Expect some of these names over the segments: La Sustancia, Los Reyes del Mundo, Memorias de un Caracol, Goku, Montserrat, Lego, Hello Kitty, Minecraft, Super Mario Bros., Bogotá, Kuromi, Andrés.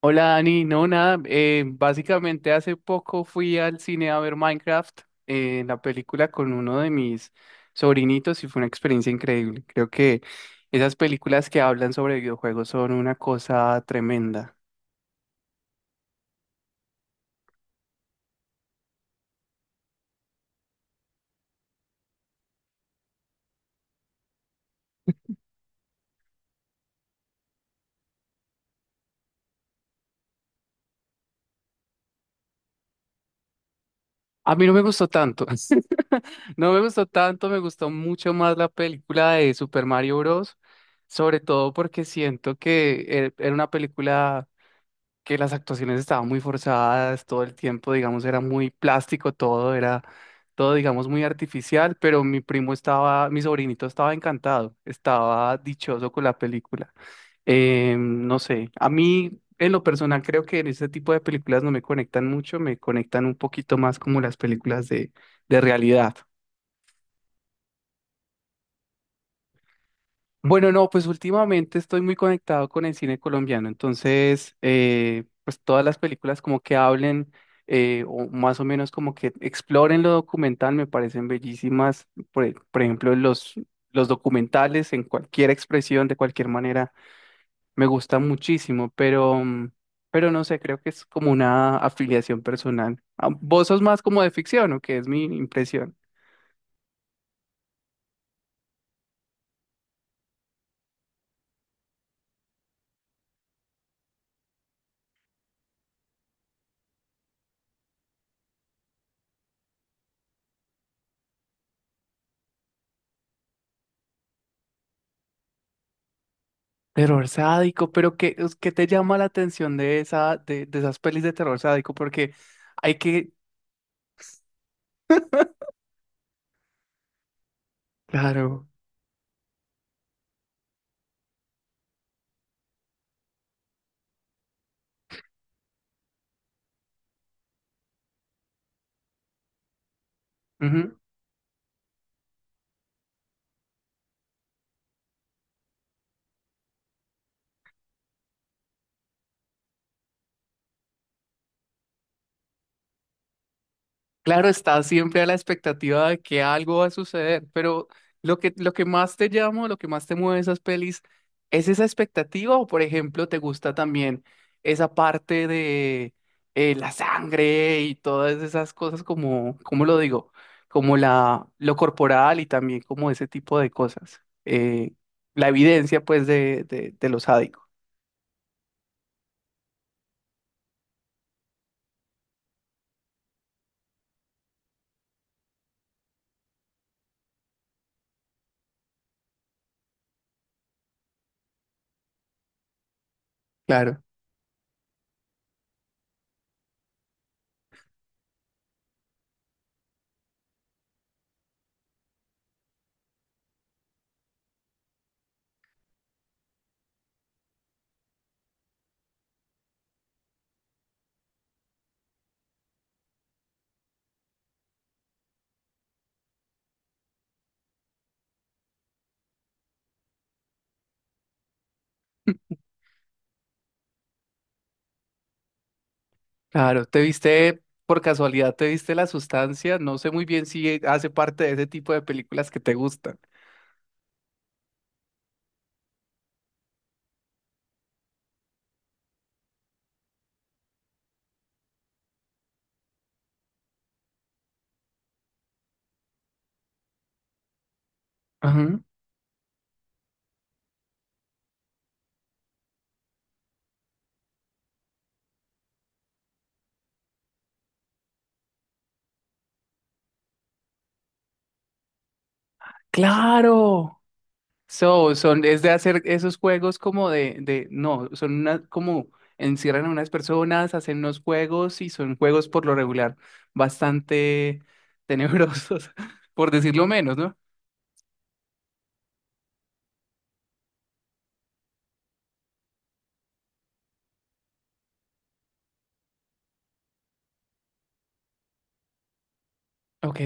Hola Dani, no nada, básicamente hace poco fui al cine a ver Minecraft, la película con uno de mis sobrinitos y fue una experiencia increíble. Creo que esas películas que hablan sobre videojuegos son una cosa tremenda. A mí no me gustó tanto, no me gustó tanto, me gustó mucho más la película de Super Mario Bros., sobre todo porque siento que era una película que las actuaciones estaban muy forzadas todo el tiempo, digamos, era muy plástico todo, era todo, digamos, muy artificial, pero mi sobrinito estaba encantado, estaba dichoso con la película. No sé, a mí en lo personal creo que en ese tipo de películas no me conectan mucho, me conectan un poquito más como las películas de realidad. Bueno, no, pues últimamente estoy muy conectado con el cine colombiano, entonces, pues todas las películas como que hablen o más o menos como que exploren lo documental me parecen bellísimas. Por ejemplo, los documentales en cualquier expresión, de cualquier manera, me gustan muchísimo, pero, pero no sé, creo que es como una afiliación personal. Ah, ¿vos sos más como de ficción o qué es mi impresión? Terror sádico, pero ¿qué, qué te llama la atención de esa, de esas pelis de terror sádico? Porque hay que, claro. Claro, estás siempre a la expectativa de que algo va a suceder, pero lo que más te llama, lo que más te mueve de esas pelis, ¿es esa expectativa o, por ejemplo, te gusta también esa parte de la sangre y todas esas cosas como, ¿cómo lo digo? Como la, lo corporal y también como ese tipo de cosas. La evidencia, pues, de lo sádico. Claro. Claro, te viste, por casualidad, te viste La Sustancia. No sé muy bien si hace parte de ese tipo de películas que te gustan. Ajá. Claro. So, son, es de hacer esos juegos como no, son una, como encierran a unas personas, hacen unos juegos y son juegos por lo regular bastante tenebrosos, por decirlo menos, ¿no? Ok,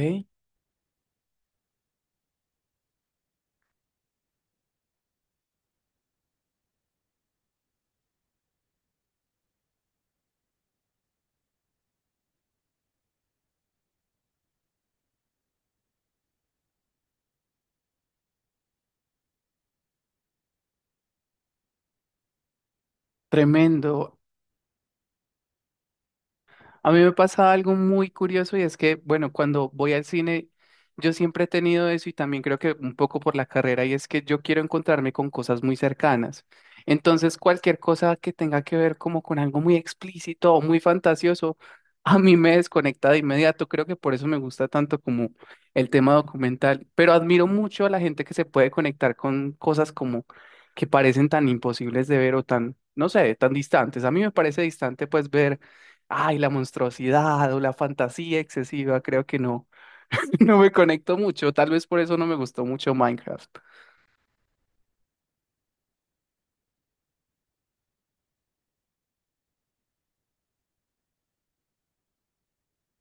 tremendo. A mí me pasa algo muy curioso y es que, bueno, cuando voy al cine, yo siempre he tenido eso y también creo que un poco por la carrera y es que yo quiero encontrarme con cosas muy cercanas. Entonces, cualquier cosa que tenga que ver como con algo muy explícito o muy fantasioso, a mí me desconecta de inmediato. Creo que por eso me gusta tanto como el tema documental, pero admiro mucho a la gente que se puede conectar con cosas como que parecen tan imposibles de ver o tan, no sé, tan distantes. A mí me parece distante pues ver ay, la monstruosidad o la fantasía excesiva, creo que no. No me conecto mucho, tal vez por eso no me gustó mucho Minecraft.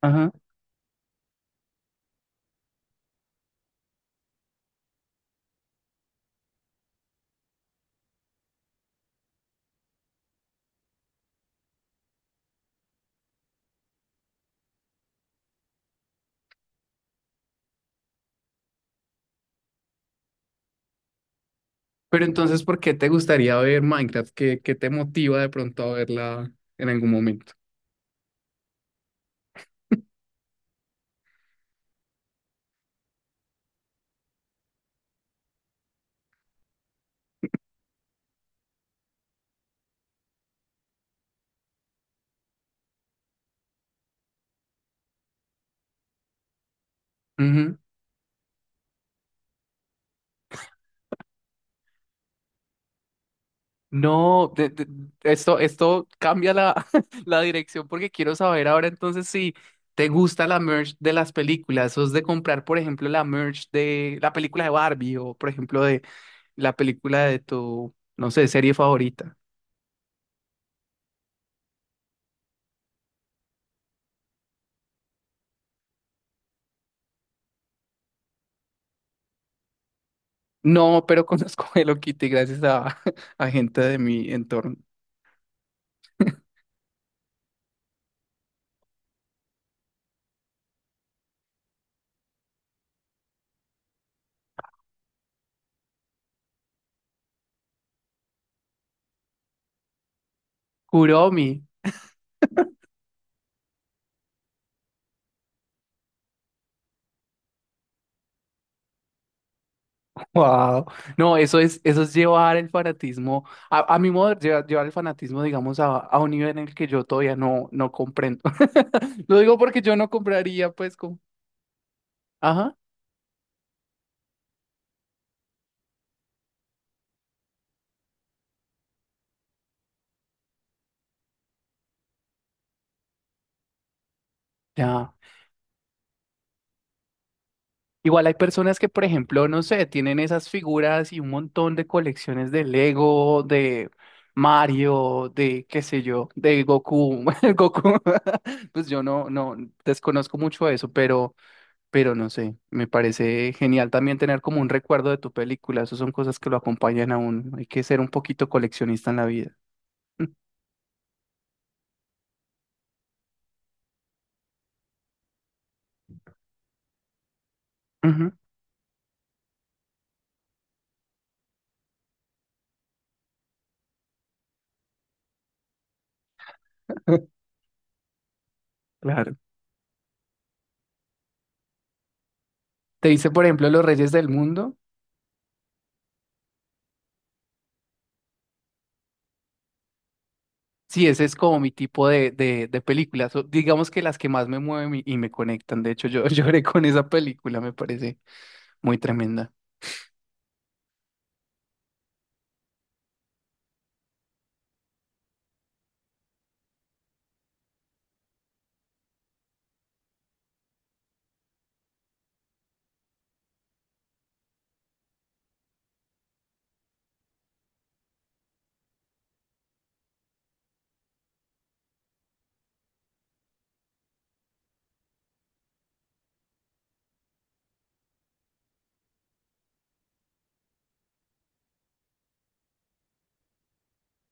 Ajá. Pero entonces, ¿por qué te gustaría ver Minecraft? ¿Qué, qué te motiva de pronto a verla en algún momento? Ujú. No, de- Esto cambia la, la dirección porque quiero saber ahora entonces si te gusta la merch de las películas, sos de comprar, por ejemplo, la merch de la película de Barbie o, por ejemplo, de la película de tu, no sé, serie favorita. No, pero conozco a Hello Kitty gracias a, a gente de mi entorno. Kuromi. Wow. No, eso es llevar el fanatismo, a mi modo, llevar, llevar el fanatismo, digamos, a un nivel en el que yo todavía no, no comprendo. Lo digo porque yo no compraría, pues, como. Ajá. Ya. Igual hay personas que, por ejemplo, no sé, tienen esas figuras y un montón de colecciones de Lego, de Mario, de qué sé yo, de Goku. El Goku, pues yo no, no desconozco mucho eso, pero no sé, me parece genial también tener como un recuerdo de tu película. Esas son cosas que lo acompañan a uno. Hay que ser un poquito coleccionista en la vida. Ujú, claro. Te dice, por ejemplo, Los Reyes del Mundo. Sí, ese es como mi tipo de películas, o digamos que las que más me mueven y me conectan. De hecho, yo lloré con esa película, me parece muy tremenda.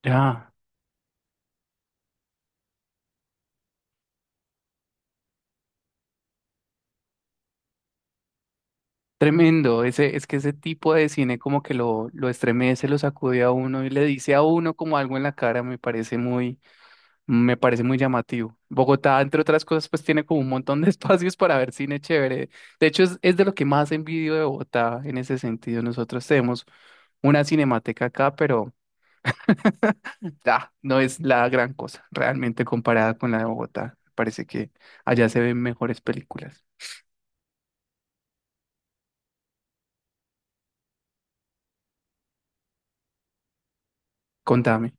Ya, tremendo. Ese, es que ese tipo de cine como que lo estremece, lo sacude a uno y le dice a uno como algo en la cara, me parece muy llamativo. Bogotá, entre otras cosas, pues tiene como un montón de espacios para ver cine chévere. De hecho, es de lo que más envidio de Bogotá en ese sentido. Nosotros tenemos una cinemateca acá, pero ah, no es la gran cosa, realmente comparada con la de Bogotá. Parece que allá se ven mejores películas. Contame.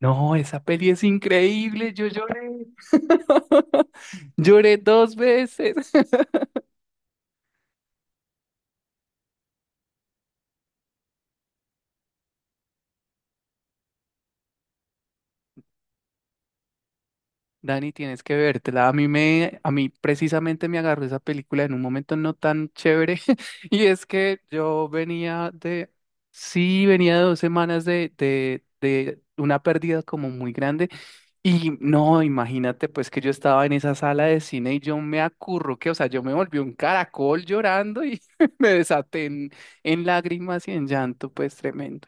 No, esa peli es increíble, yo lloré. Lloré dos veces. Dani, tienes que vértela. A mí me, a mí precisamente me agarró esa película en un momento no tan chévere. Y es que yo venía de, sí, venía de dos semanas de una pérdida como muy grande. Y no, imagínate pues que yo estaba en esa sala de cine y yo me acurruqué, o sea, yo me volví un caracol llorando y me desaté en lágrimas y en llanto, pues tremendo.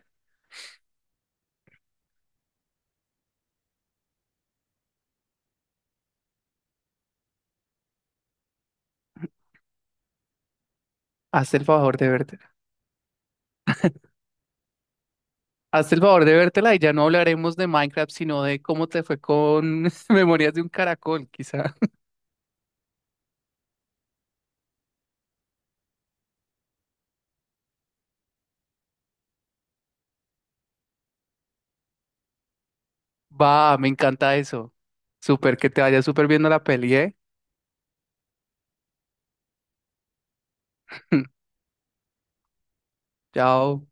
Hazte el favor de verte. Hazte el favor de vértela y ya no hablaremos de Minecraft, sino de cómo te fue con Memorias de un Caracol, quizá. Va, me encanta eso. Súper, que te vaya súper viendo la peli, ¿eh? Chao.